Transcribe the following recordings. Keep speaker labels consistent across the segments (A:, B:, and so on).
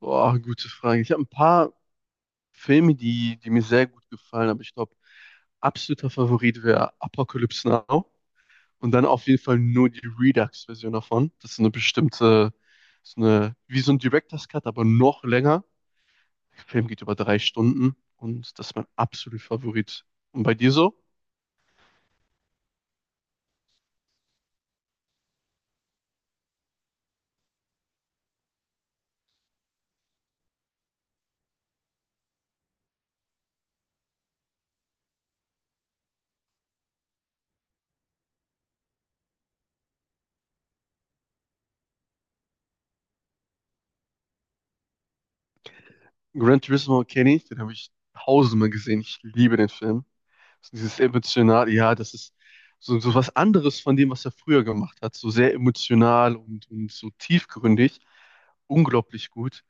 A: Boah, gute Frage. Ich habe ein paar Filme, die mir sehr gut gefallen, aber ich glaube, absoluter Favorit wäre Apocalypse Now. Und dann auf jeden Fall nur die Redux-Version davon. Das ist eine bestimmte, ist eine, wie so ein Director's Cut, aber noch länger. Der Film geht über drei Stunden und das ist mein absoluter Favorit. Und bei dir so? Gran Turismo kenne ich, den habe ich tausendmal gesehen. Ich liebe den Film. So dieses emotional, ja, das ist so was anderes von dem, was er früher gemacht hat. So sehr emotional und so tiefgründig. Unglaublich gut.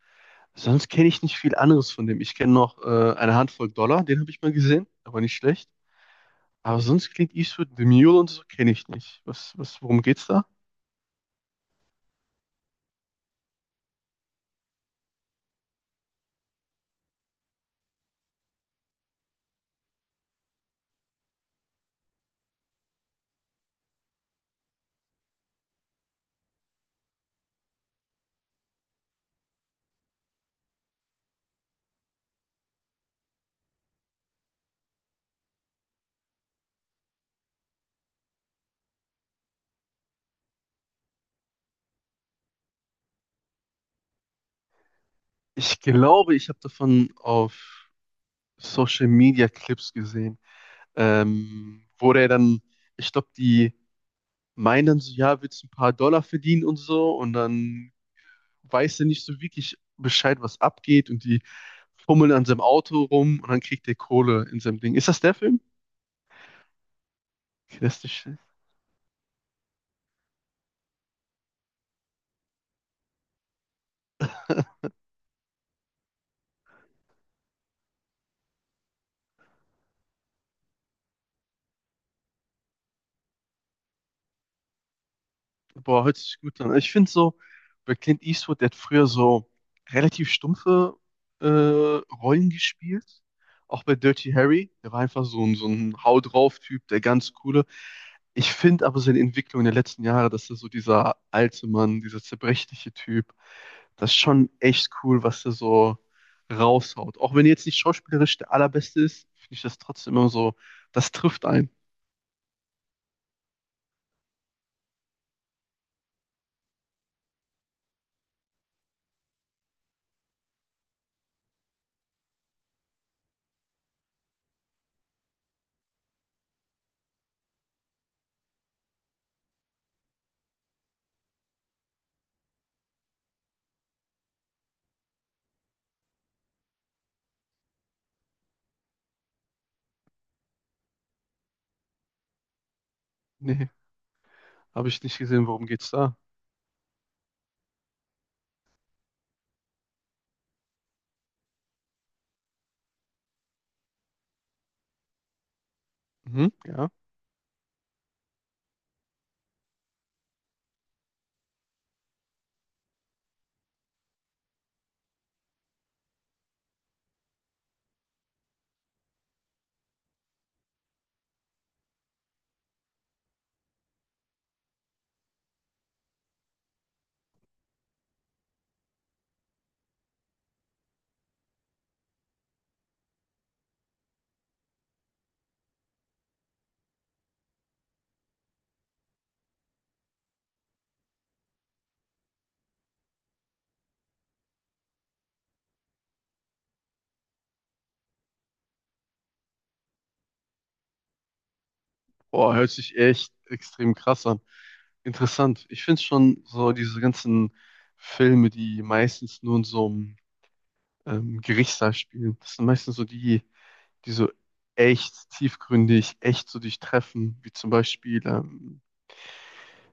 A: Sonst kenne ich nicht viel anderes von dem. Ich kenne noch eine Handvoll Dollar, den habe ich mal gesehen, aber nicht schlecht. Aber sonst klingt Eastwood, The Mule und so kenne ich nicht. Worum geht's da? Ich glaube, ich habe davon auf Social Media Clips gesehen, wo der dann, ich glaube, die meinen dann so, ja, willst du ein paar Dollar verdienen und so, und dann weiß ja nicht so wirklich Bescheid, was abgeht, und die fummeln an seinem Auto rum und dann kriegt er Kohle in seinem Ding. Ist das der Film? Okay. Das ist, nicht- Boah, hört sich gut an. Ich finde so, bei Clint Eastwood, der hat früher so relativ stumpfe äh, Rollen gespielt. Auch bei Dirty Harry, der war einfach so ein Hau drauf-Typ, der ganz coole. Ich finde aber seine Entwicklung der letzten Jahre, dass er so dieser alte Mann, dieser zerbrechliche Typ, das ist schon echt cool, was er so raushaut. Auch wenn er jetzt nicht schauspielerisch der allerbeste ist, finde ich das trotzdem immer so, das trifft einen. Nee, habe ich nicht gesehen, worum geht's da? Mhm, ja. Boah, hört sich echt extrem krass an. Interessant. Ich finde schon so diese ganzen Filme, die meistens nur in so einem Gerichtssaal spielen, das sind meistens so die, die so echt tiefgründig, echt so dich treffen, wie zum Beispiel,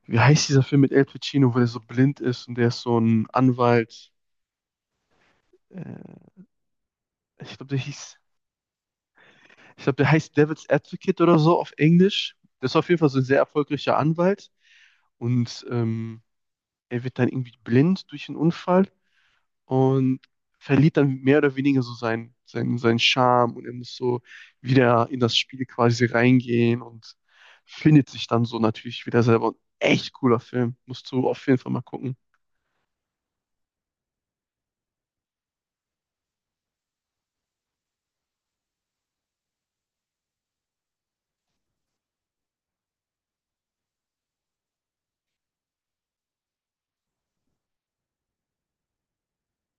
A: wie heißt dieser Film mit Al Pacino, wo der so blind ist und der ist so ein Anwalt. Äh, ich glaube, der hieß, ich glaube, der heißt Devil's Advocate oder so auf Englisch. Der ist auf jeden Fall so ein sehr erfolgreicher Anwalt. Und er wird dann irgendwie blind durch einen Unfall und verliert dann mehr oder weniger so seinen Charme und er muss so wieder in das Spiel quasi reingehen und findet sich dann so natürlich wieder selber. Und echt cooler Film. Musst du auf jeden Fall mal gucken.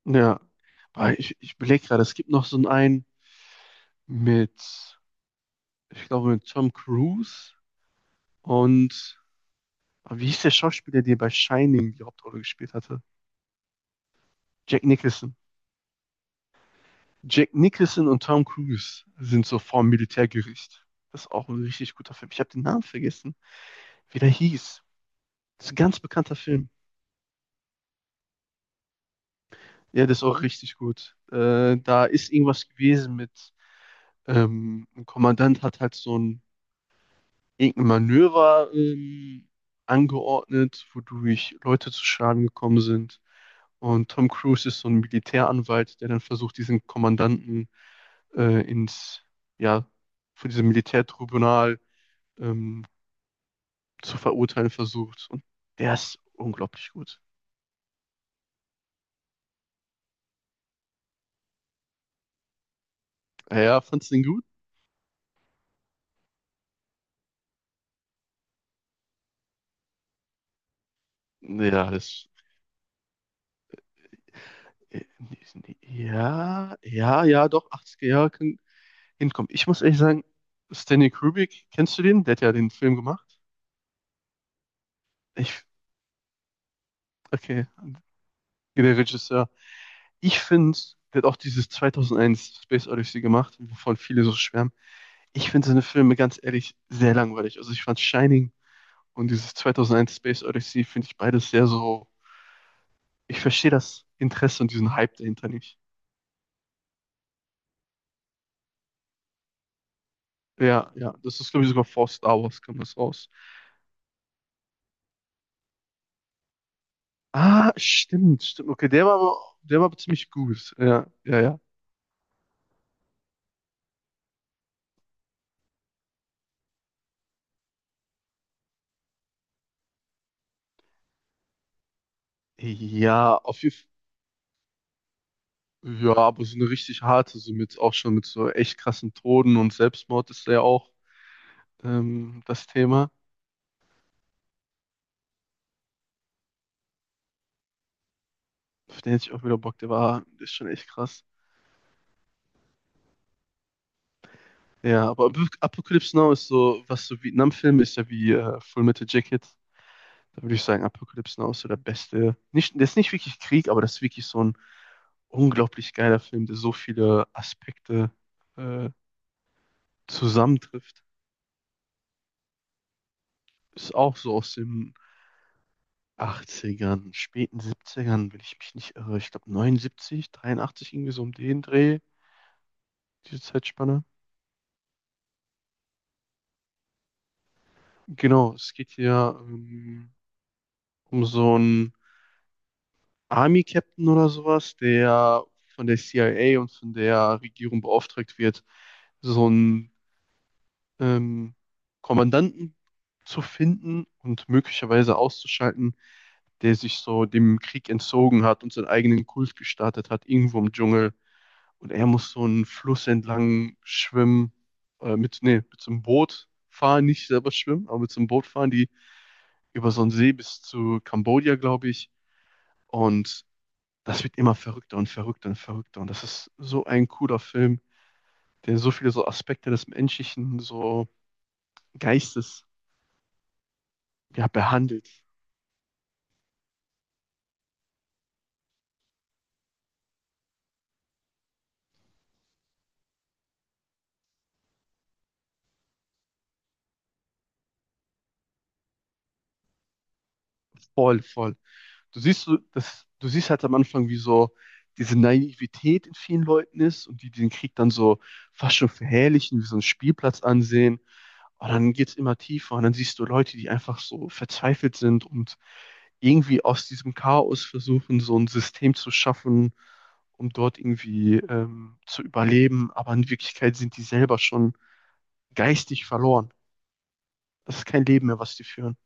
A: Ja. Aber ich überlege gerade, es gibt noch so einen mit, ich glaube, mit Tom Cruise, und aber wie hieß der Schauspieler, der bei Shining die Hauptrolle gespielt hatte? Jack Nicholson. Jack Nicholson und Tom Cruise sind so vorm Militärgericht. Das ist auch ein richtig guter Film. Ich habe den Namen vergessen, wie der hieß. Das ist ein ganz bekannter Film. Ja, das ist auch richtig gut. Da ist irgendwas gewesen mit, ein Kommandant hat halt so ein irgendein Manöver angeordnet, wodurch Leute zu Schaden gekommen sind. Und Tom Cruise ist so ein Militäranwalt, der dann versucht, diesen Kommandanten ins, ja, von diesem Militärtribunal ähm, zu verurteilen versucht. Und der ist unglaublich gut. Ja, fandst du den gut? Ja, das. Nee, nee, ja, ja, ja, doch, 80er Jahre kann hinkommen. Ich muss ehrlich sagen, Stanley Kubrick, kennst du den? Der hat ja den Film gemacht. Ich, okay, der Regisseur. Ich finde, der hat auch dieses 2001 Space Odyssey gemacht, wovon viele so schwärmen. Ich finde seine Filme ganz ehrlich sehr langweilig. Also ich fand Shining und dieses 2001 Space Odyssey finde ich beides sehr so, ich verstehe das Interesse und diesen Hype dahinter nicht. Ja, ja, das ist, glaube ich, sogar vor Star Wars kam das raus. Ah, stimmt, stimmt. Okay, der war aber ziemlich gut. Ja, ja, ja. Ja, auf jeden Fall. Ja, aber so eine richtig harte, so mit auch schon mit so echt krassen Toden und Selbstmord ist da ja auch das Thema. Auf den hätte ich auch wieder Bock, der war, der ist schon echt krass. Ja, aber Apocalypse Now ist so, was so Vietnam-Film ist ja wie Full Metal Jacket. Da würde ich sagen, Apocalypse Now ist so der beste. Nicht, der ist nicht wirklich Krieg, aber das ist wirklich so ein unglaublich geiler Film, der so viele Aspekte äh, zusammentrifft. Ist auch so aus den achtzigern, späten 70, wenn ich mich nicht irre. Ich glaube 79, 83, irgendwie so um den Dreh, diese Zeitspanne. Genau, es geht hier um so einen Army-Captain oder sowas, der von der CIA und von der Regierung beauftragt wird, so ein ähm, Kommandanten zu finden und möglicherweise auszuschalten, der sich so dem Krieg entzogen hat und seinen eigenen Kult gestartet hat, irgendwo im Dschungel. Und er muss so einen Fluss entlang schwimmen, mit, nee, mit so einem Boot fahren, nicht selber schwimmen, aber mit so einem Boot fahren, die über so einen See bis zu Kambodscha, glaube ich. Und das wird immer verrückter und verrückter und verrückter. Und das ist so ein cooler Film, der so viele so Aspekte des menschlichen so Geistes, ja, behandelt. Voll, voll. Du siehst so, das, du siehst halt am Anfang, wie so diese Naivität in vielen Leuten ist und die den Krieg dann so fast schon verherrlichen, wie so einen Spielplatz ansehen. Und dann geht's immer tiefer und dann siehst du Leute, die einfach so verzweifelt sind und irgendwie aus diesem Chaos versuchen, so ein System zu schaffen, um dort irgendwie zu überleben. Aber in Wirklichkeit sind die selber schon geistig verloren. Das ist kein Leben mehr, was die führen.